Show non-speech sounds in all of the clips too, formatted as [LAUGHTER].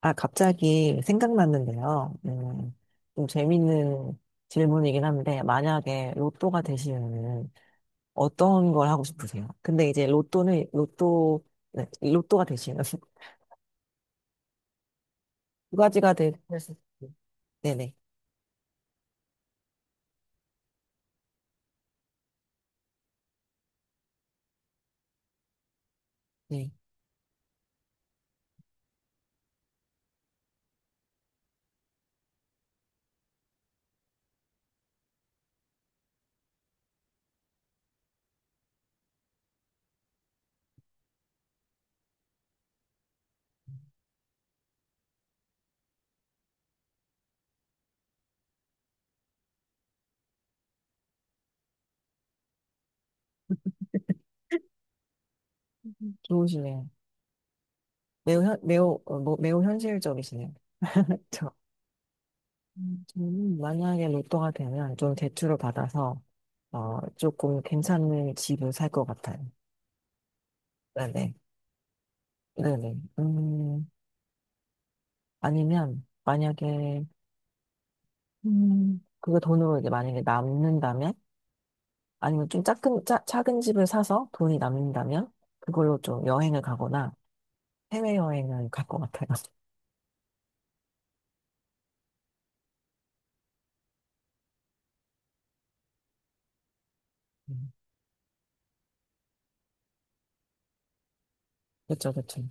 아, 갑자기 생각났는데요. 좀 재밌는 질문이긴 한데, 만약에 로또가 되시면은 어떤 걸 하고 싶으세요? 근데 이제 네, 로또가 되시면 [LAUGHS] 두 가지가 될 수 있어요. 네네. 네. 좋으시네요. 매우, 현, 매우, 어, 뭐, 매우 현실적이시네요. 그렇죠. 저는 만약에 로또가 되면 좀 대출을 받아서, 조금 괜찮은 집을 살 것 같아요. 네네. 네네. 아니면 만약에 그거 돈으로 이제 만약에 남는다면, 아니면 좀 작은 집을 사서 돈이 남는다면 그걸로 좀 여행을 가거나 해외 여행을 갈 것 같아요. 음, [LAUGHS] 그렇죠, 그렇죠.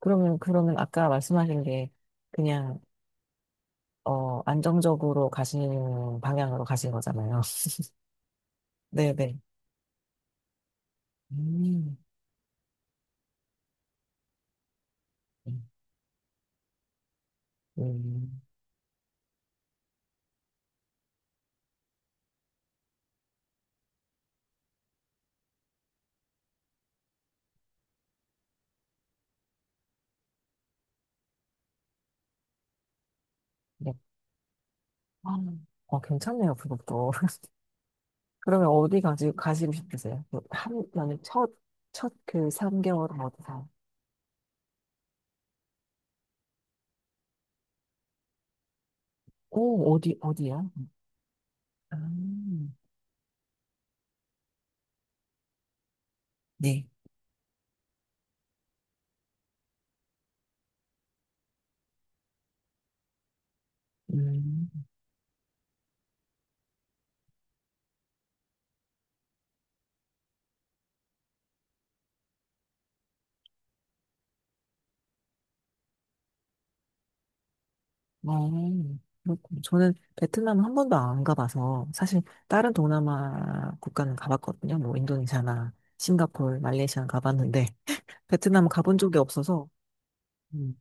그러면 아까 말씀하신 게 그냥 안정적으로 가시는 방향으로 가신 거잖아요. [LAUGHS] 네, 네. 음. 음. 네. 아, 괜찮네요, 그것도. [LAUGHS] 그러면 어디 가시고 싶으세요? 그 한, 만약 첫, 첫 그 3개월은 어디 가? 오, 어디야? 아, 네. 음, 어, 그렇군요. 저는 베트남 한 번도 안 가봐서 사실 다른 동남아 국가는 가봤거든요. 뭐 인도네시아나 싱가포르, 말레이시아는 가봤는데 베트남 가본 적이 없어서. 음.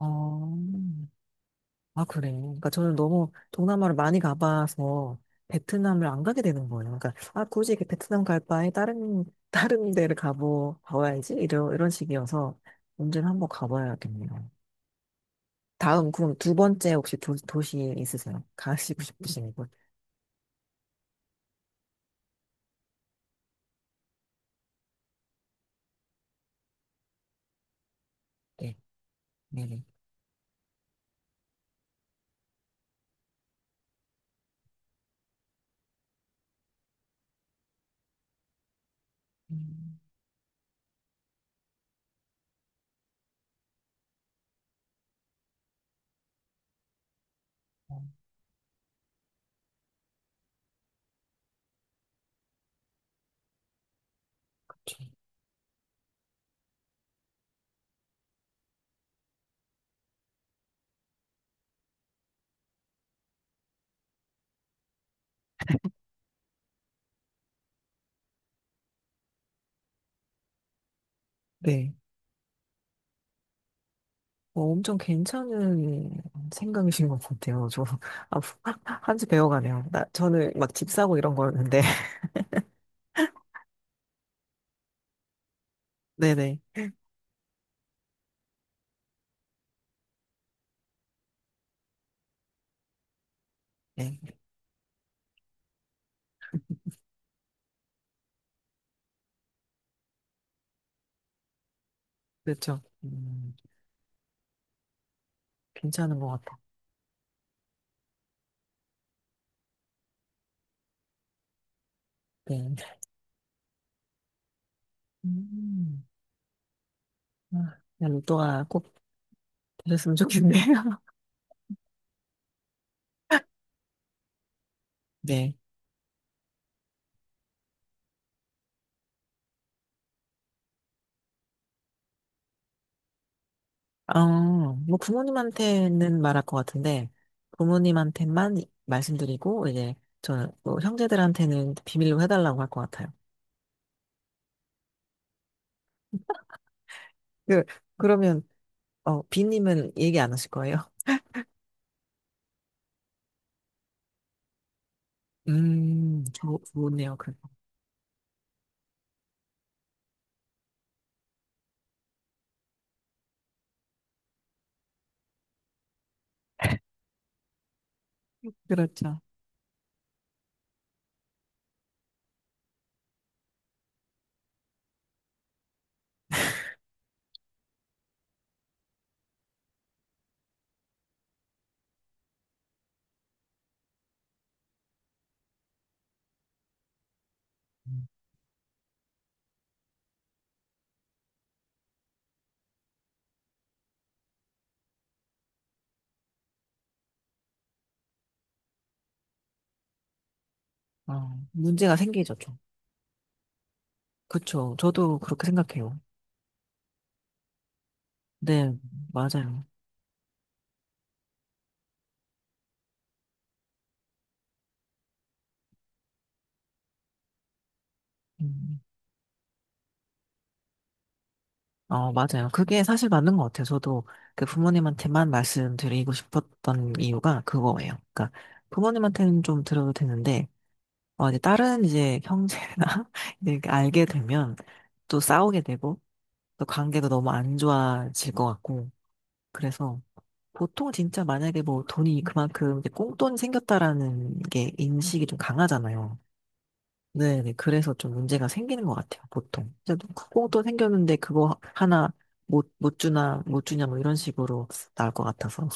어, 아, 그래. 그러니까 저는 너무 동남아를 많이 가봐서 베트남을 안 가게 되는 거예요. 그러니까, 아, 굳이 이렇게 베트남 갈 바에 다른, [LAUGHS] 다른 데를 가봐야지. 이런 식이어서 언제는 한번 가봐야겠네요. 다음, 그럼 두 번째 혹시 도시 있으세요? 가시고 싶으신 곳? 네, 네네. 음, 그쵸. 네. 뭐 엄청 괜찮은 생각이신 것 같아요. [LAUGHS] 아, 한수 배워가네요. 저는 막 집 사고 이런 거였는데. [LAUGHS] 네네. 네. 그렇죠. 음. 괜찮은 것 같아. 네. 음. 아, 그냥 로또가 꼭 되셨으면 좋겠네요. [LAUGHS] 네. 어, 뭐 부모님한테는 말할 것 같은데, 부모님한테만 말씀드리고, 이제, 저는 뭐 형제들한테는 비밀로 해달라고 할 것 같아요. 그, 그러면, 비님은 얘기 안 하실 거예요? [LAUGHS] 좋네요. 그렇죠. 음, 문제가 생기죠, 좀. 그쵸. 저도 그렇게 생각해요. 네, 맞아요. 음. 맞아요. 그게 사실 맞는 것 같아요. 저도 그 부모님한테만 말씀드리고 싶었던 이유가 그거예요. 그러니까 부모님한테는 좀 들어도 되는데, 이제 다른 이제 형제나 [LAUGHS] 이제 이렇게 알게 되면 또 싸우게 되고, 또 관계도 너무 안 좋아질 것 같고, 그래서 보통 진짜 만약에 뭐 돈이 그만큼 이제 꽁돈이 생겼다라는 게 인식이 좀 강하잖아요. 네, 네. 그래서 좀 문제가 생기는 것 같아요, 보통. 진짜 콩도 생겼는데 그거 하나 못 주냐, 뭐 이런 식으로 나올 것 같아서.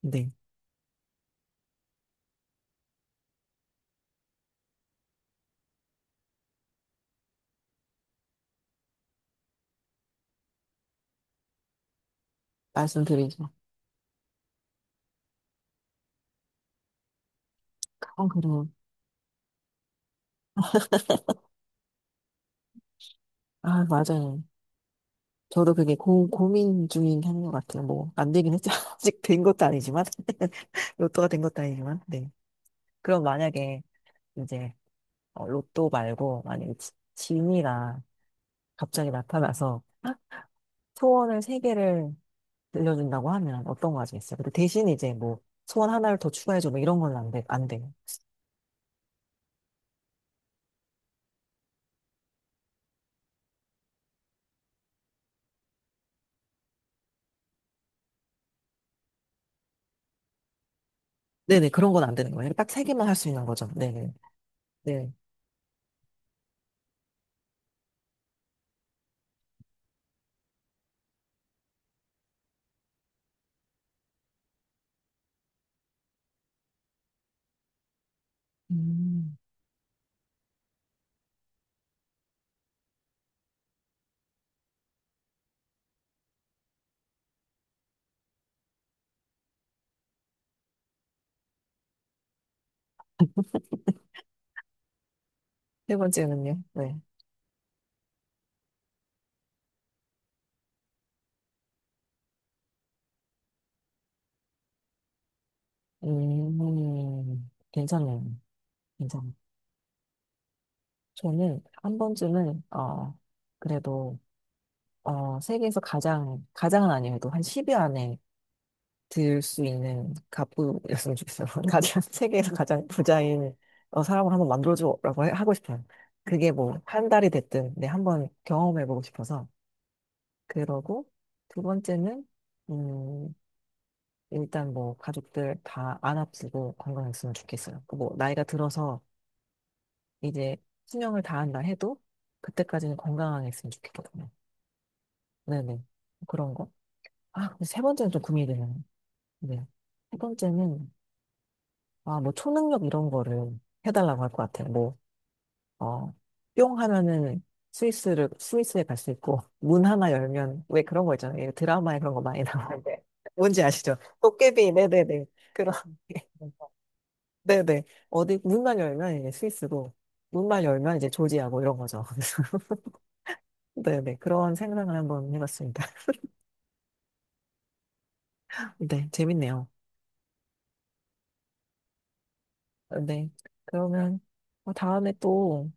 네, 말씀드리죠. 그럼. 아, 맞아요. 저도 그게 고민 중인 게 하는 것 같아요. 뭐, 안 되긴 했죠. [LAUGHS] 아직 된 것도 아니지만. [LAUGHS] 로또가 된 것도 아니지만. 네. 그럼 만약에 이제, 로또 말고, 만약에 진이가 갑자기 나타나서 소원을 세 개를 들려준다고 하면 어떤 거 하시겠어요? 근데 대신 이제 뭐 소원 하나를 더 추가해줘 뭐 이런 건 안 돼요. 네네, 그런 건 안 되는 거예요. 딱 세 개만 할 수 있는 거죠. 네네. 네. 음. 세 번째는요? 네. 괜찮네요. 괜찮아요. 저는 한 번쯤은, 그래도, 세계에서 가장은 아니어도 한 10위 안에 들 수 있는 갑부였으면 좋겠어요. [LAUGHS] 세계에서 가장 부자인 사람을 한번 만들어주라고 하고 싶어요. 그게 뭐, 한 달이 됐든, 네, 한번 경험해보고 싶어서. 그러고, 두 번째는, 음, 일단 뭐, 가족들 다 안 아프고 건강했으면 좋겠어요. 그 뭐, 나이가 들어서 이제 수명을 다한다 해도, 그때까지는 건강하게 했으면 좋겠거든요. 네네. 그런 거. 아, 근데 세 번째는 좀 고민이 되네요. 네. 세 번째는, 아, 뭐 초능력 이런 거를 해달라고 할 것 같아요. 뭐, 어, 뿅 하면은 스위스에 갈 수 있고, 문 하나 열면, 왜 그런 거 있잖아요. 드라마에 그런 거 많이 [LAUGHS] 나오는데. 뭔지 아시죠? 도깨비, 네네네. 그런, 게. [LAUGHS] 네네. 문만 열면 이제 스위스고, 문만 열면 이제 조지하고 이런 거죠. [LAUGHS] 그래서 네네. 그런 생각을 한번 해봤습니다. [LAUGHS] 네, 재밌네요. 네. 그러면 다음에 또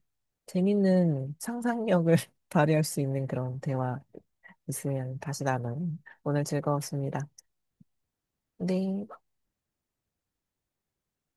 재밌는 상상력을 [LAUGHS] 발휘할 수 있는 그런 대화 있으면 다시 나눠요. 오늘 즐거웠습니다. 네.